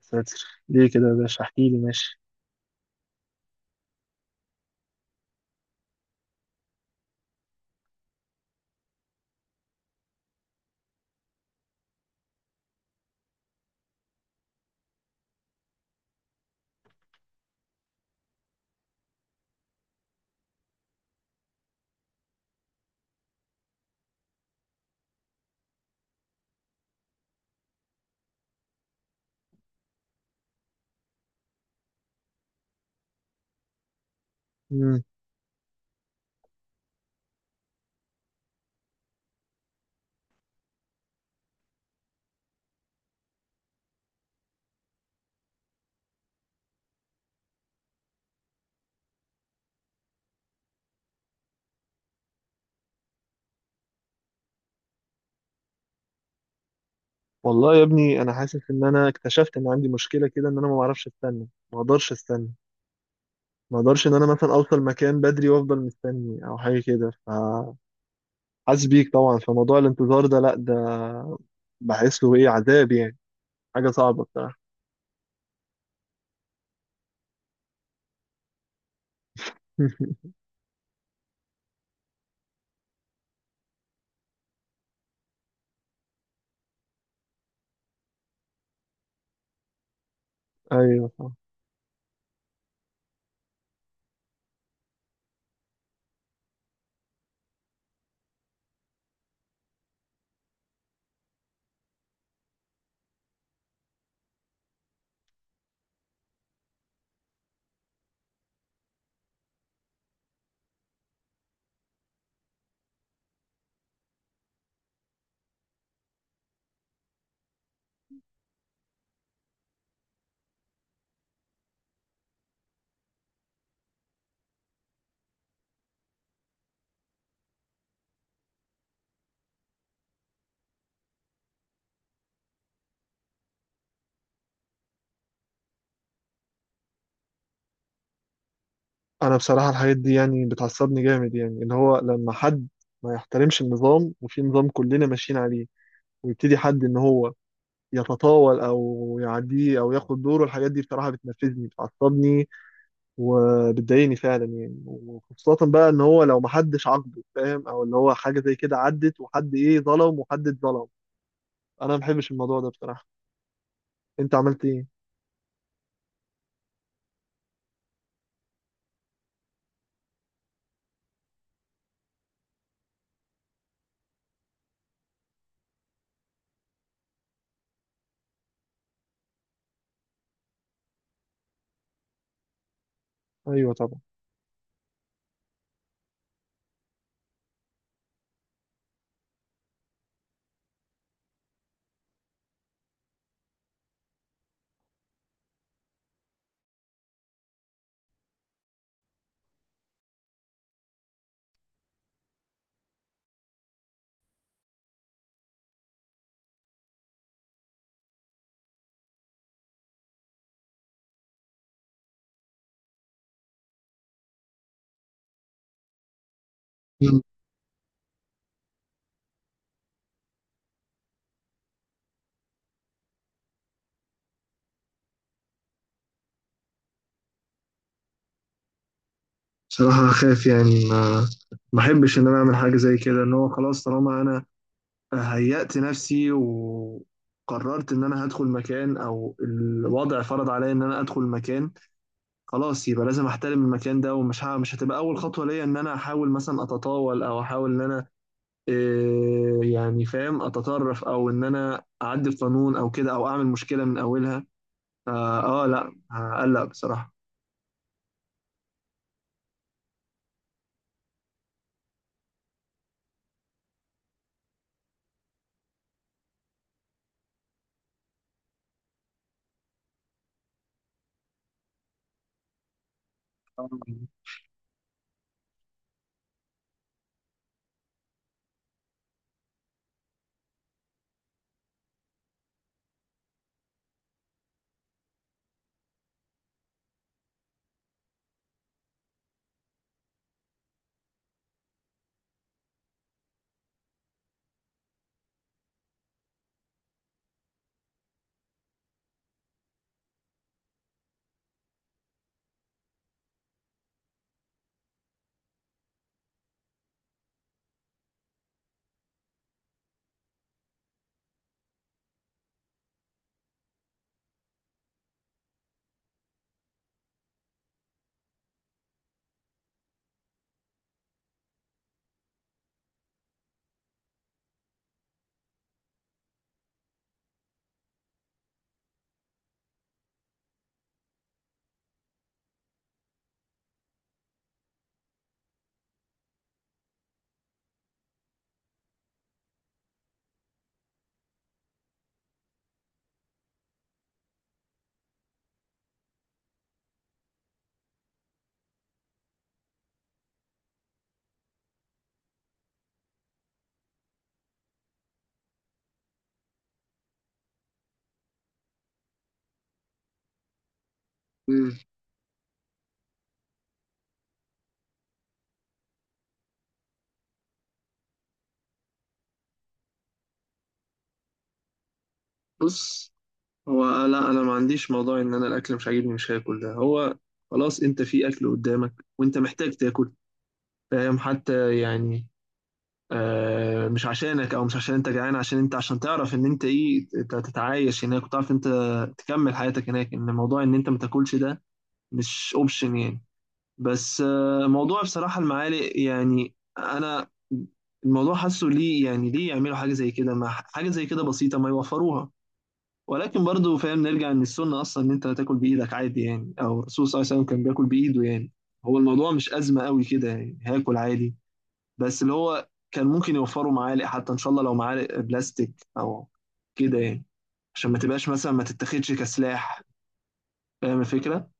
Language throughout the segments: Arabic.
ساتر. ليه كده يا باشا؟ احكي لي ماشي. مم. والله يا ابني انا حاسس ان انا اكتشفت ان عندي مشكله كده، ان انا ما بعرفش استنى، ما اقدرش استنى، ما اقدرش ان انا مثلا اوصل مكان بدري وافضل مستني او حاجه كده، فحاسس بيك طبعا. فموضوع الانتظار ده، لا ده بحس له عذاب يعني، حاجه صعبه بصراحه. ايوه صح. انا بصراحه الحاجات دي بتعصبني جامد، يعني اللي هو لما حد ما يحترمش النظام وفي نظام كلنا ماشيين عليه، ويبتدي حد ان هو يتطاول او يعديه او ياخد دوره، الحاجات دي بصراحه بتنرفزني، بتعصبني وبتضايقني فعلا يعني. وخصوصا بقى ان هو لو محدش عاقبه، فاهم، او اللي هو حاجه زي كده عدت وحد ظلم وحد اتظلم، انا ما بحبش الموضوع ده بصراحه. انت عملت ايه؟ ايوه طبعا. مم. بصراحة أخاف يعني، ما أحبش إن أنا أعمل حاجة زي كده. إن هو خلاص طالما أنا هيأت نفسي وقررت إن أنا هدخل مكان، أو الوضع فرض عليا إن أنا أدخل مكان، خلاص يبقى لازم احترم المكان ده. ومش مش هتبقى اول خطوه ليا ان انا احاول مثلا اتطاول او احاول ان انا إيه يعني فاهم اتطرف او ان انا اعدي القانون او كده او اعمل مشكله من اولها. لا هقلق بصراحه. مم. بص، هو لا انا ما عنديش موضوع ان انا الاكل مش عاجبني مش هاكل، ده هو خلاص انت في اكل قدامك وانت محتاج تاكل، فاهم، حتى يعني آه، مش عشانك او مش عشان انت جعان، عشان انت عشان تعرف ان انت تتعايش هناك وتعرف انت تكمل حياتك هناك. ان موضوع ان انت ما تاكلش ده مش اوبشن يعني. بس آه، موضوع بصراحة المعالق، يعني انا الموضوع حاسه ليه يعني، ليه يعملوا حاجة زي كده، ما حاجة زي كده بسيطة ما يوفروها. ولكن برضو فاهم نرجع ان السنة اصلا ان انت تاكل بايدك عادي يعني، او الرسول صلى الله عليه وسلم كان بياكل بايده يعني. هو الموضوع مش أزمة قوي كده يعني، هاكل عادي. بس اللي هو كان ممكن يوفروا معالق، حتى ان شاء الله لو معالق بلاستيك او كده يعني، عشان ما تبقاش مثلا ما تتاخدش كسلاح، فاهم الفكره.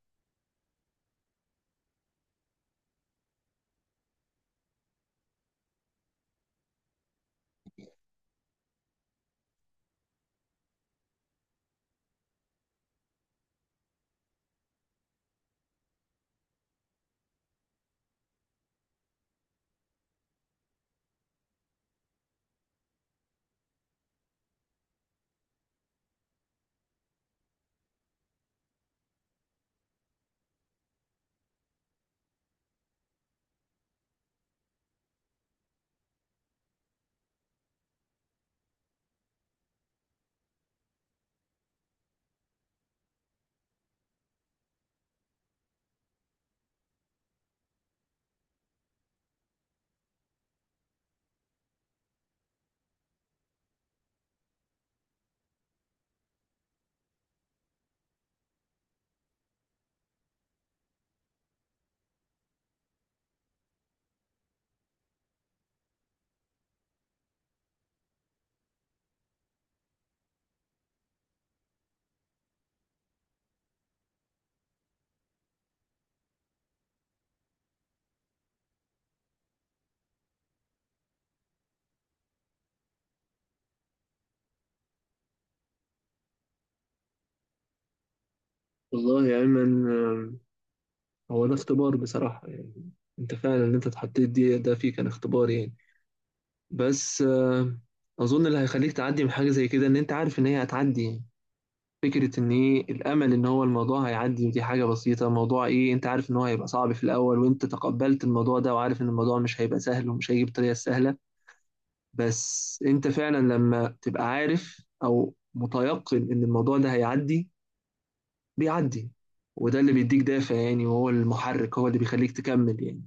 والله يا أيمن آه، هو ده اختبار بصراحة يعني. أنت فعلا اللي أنت اتحطيت دي، ده فيه كان اختبار يعني. بس آه، أظن اللي هيخليك تعدي من حاجة زي كده إن أنت عارف إن هي هتعدي يعني. فكرة إن الأمل إن هو الموضوع هيعدي، ودي حاجة بسيطة، موضوع أنت عارف إن هو هيبقى صعب في الأول، وأنت تقبلت الموضوع ده وعارف إن الموضوع مش هيبقى سهل ومش هيجي بطريقة سهلة. بس انت فعلا لما تبقى عارف او متيقن ان الموضوع ده هيعدي، بيعدي. وده اللي بيديك دافع يعني، وهو المحرك، هو اللي بيخليك تكمل يعني.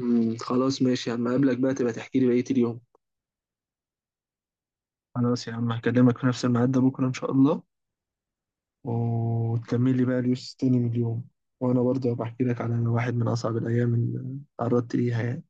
مم، خلاص ماشي يا عم، اقابلك بقى تبقى تحكي لي بقية اليوم. خلاص يا عم هكلمك في نفس الميعاد ده بكرة إن شاء الله، وتكمل لي بقى اليوس تاني من اليوم، وأنا برضه هبقى أحكي لك على واحد من أصعب الأيام اللي تعرضت ليها يعني.